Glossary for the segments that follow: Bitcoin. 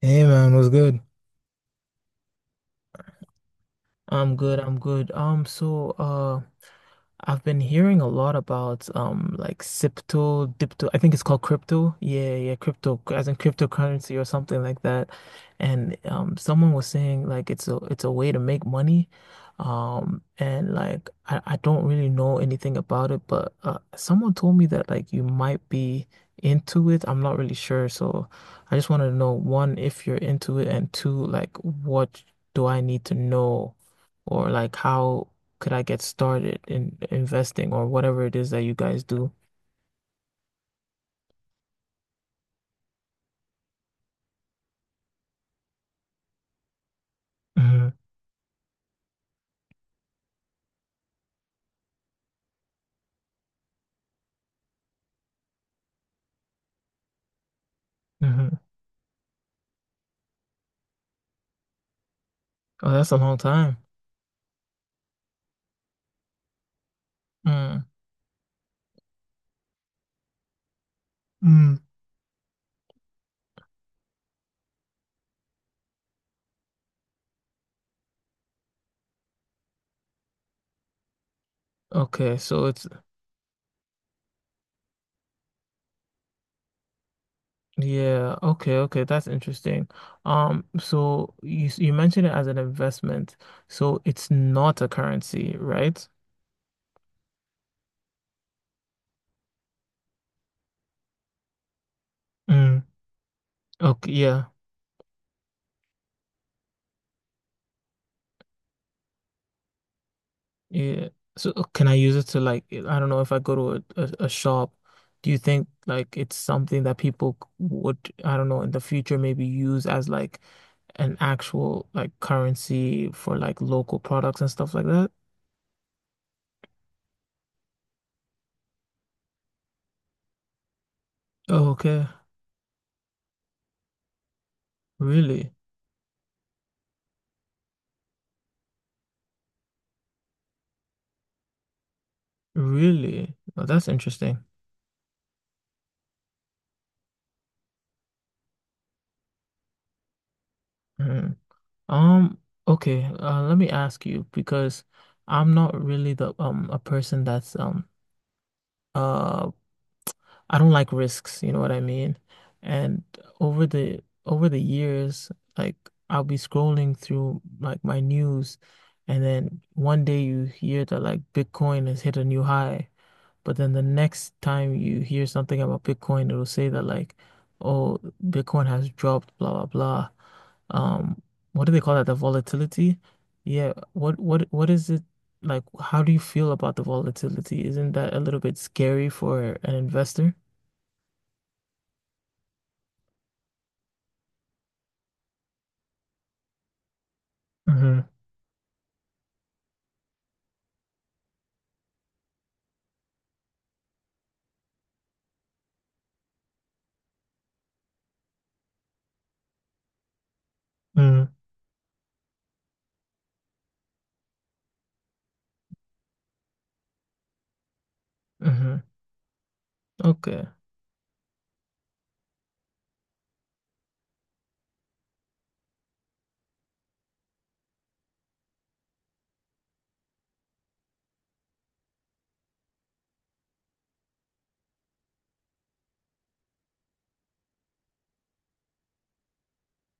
Hey man, what's good? I'm good, I'm good. I've been hearing a lot about like Sipto, Dipto, I think it's called crypto. Yeah, yeah, crypto as in cryptocurrency or something like that. And someone was saying like it's a way to make money. And like I don't really know anything about it, but someone told me that like you might be into it. I'm not really sure. So I just wanted to know one, if you're into it, and two, like what do I need to know, or like how could I get started in investing or whatever it is that you guys do? Hmm. Hmm. Oh, that's a long time. Mm. Mm. Okay, so it's, yeah, okay, okay, that's interesting. So you you mentioned it as an investment, so it's not a currency, right? Mm. Okay, yeah. Yeah. So can I use it to, like, I don't know, if I go to a shop, do you think like it's something that people would, I don't know, in the future maybe use as like an actual like currency for like local products and stuff like that? Oh, okay. Really? Really? Oh, that's interesting. Mhm. Um, okay, let me ask you, because I'm not really the a person that's uh I don't like risks, you know what I mean? And over the years, like I'll be scrolling through like my news, and then one day you hear that like Bitcoin has hit a new high, but then the next time you hear something about Bitcoin, it'll say that, like, oh, Bitcoin has dropped, blah blah blah. Um, what do they call that? The volatility? Yeah, what is it like? How do you feel about the volatility? Isn't that a little bit scary for an investor? Mm-hmm. Mm, mm-hmm. Okay.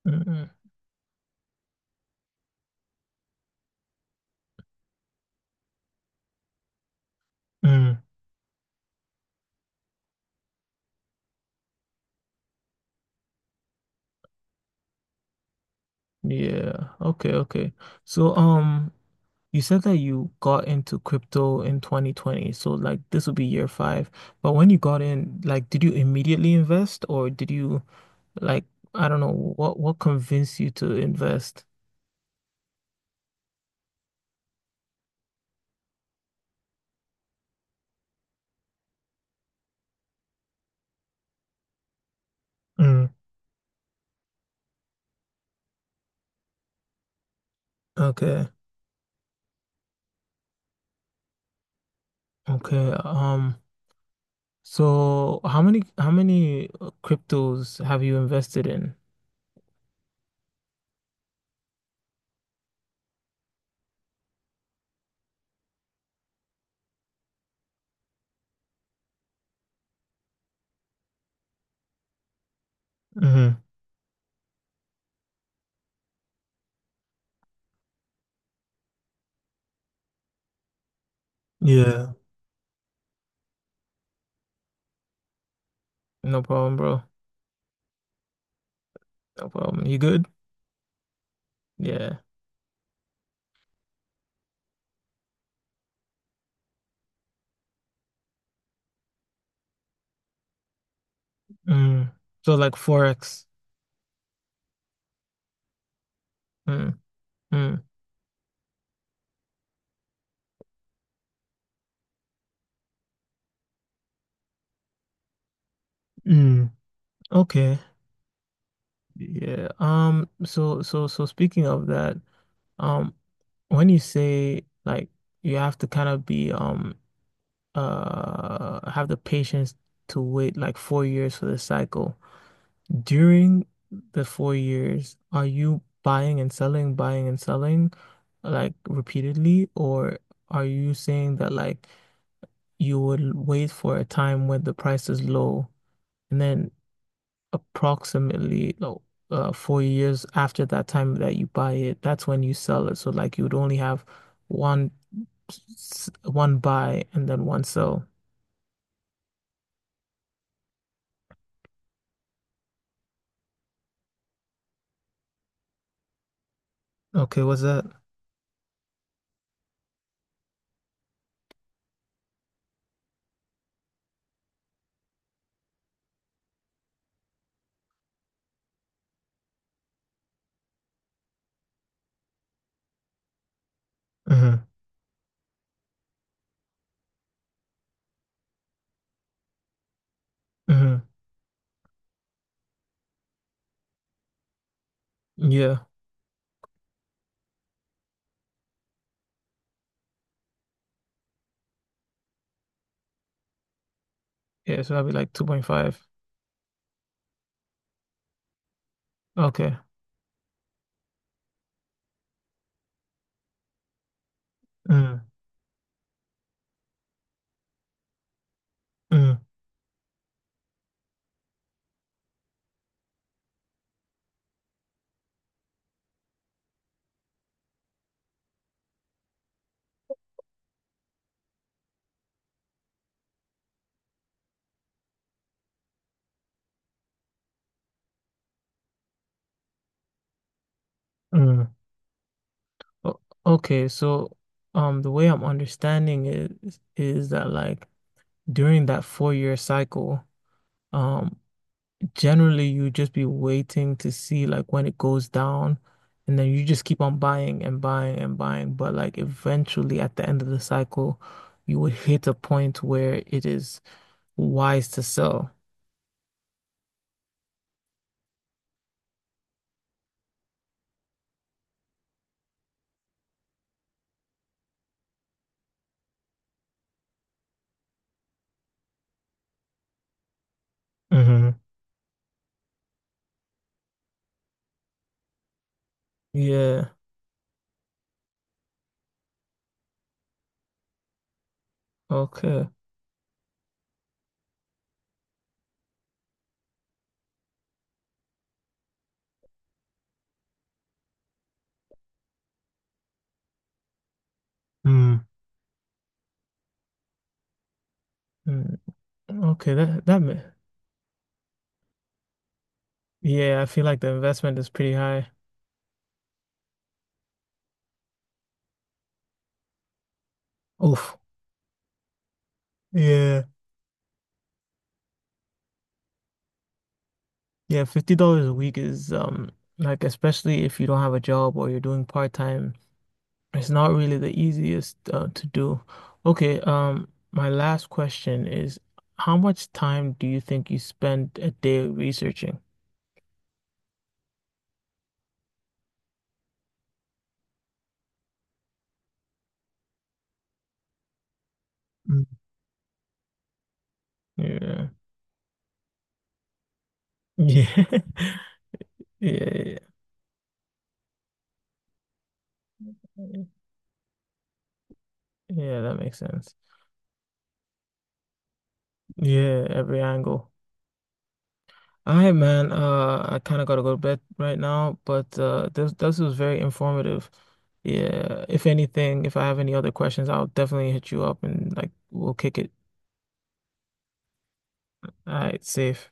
Mm-mm. Mm. Yeah. Okay, okay. So you said that you got into crypto in 2020. So like this would be year five. But when you got in, like did you immediately invest or did you, like, I don't know, what convinced you to invest? Mm. Okay. Okay. So how many cryptos have you invested in? Mm-hmm. Yeah. No problem, bro. No problem. You good? Yeah. Mm. So like forex. Mm. Mm. Mm. Okay. Yeah. So speaking of that, um, when you say like you have to kind of be have the patience to wait like 4 years for the cycle. During the 4 years, are you buying and selling, like repeatedly, or are you saying that like you would wait for a time when the price is low? And then approximately like 4 years after that time that you buy it, that's when you sell it. So like you would only have one one buy and then one sell. Okay, what's that? Hmm. Hmm. Yeah. Yeah, so that'd be like 2.5. Okay. Mm, mm, mm. O- Okay, so the way I'm understanding it is that like during that four-year cycle, um generally, you just be waiting to see like when it goes down, and then you just keep on buying and buying and buying. But like eventually, at the end of the cycle, you would hit a point where it is wise to sell. Mm-hmm. Yeah. Okay. Mm. Mm, okay, yeah, I feel like the investment is pretty high. Oof. Yeah. Yeah, $50 a week is, like, especially if you don't have a job or you're doing part-time, it's not really the easiest, to do. Okay, my last question is, how much time do you think you spend a day researching? Mm. Yeah. Yeah. Yeah. Yeah, Yeah, that makes sense. Yeah, every angle. All right, man. I kind of gotta go to bed right now, but this was very informative. Yeah. If anything, if I have any other questions, I'll definitely hit you up and like we'll kick it. All right, safe.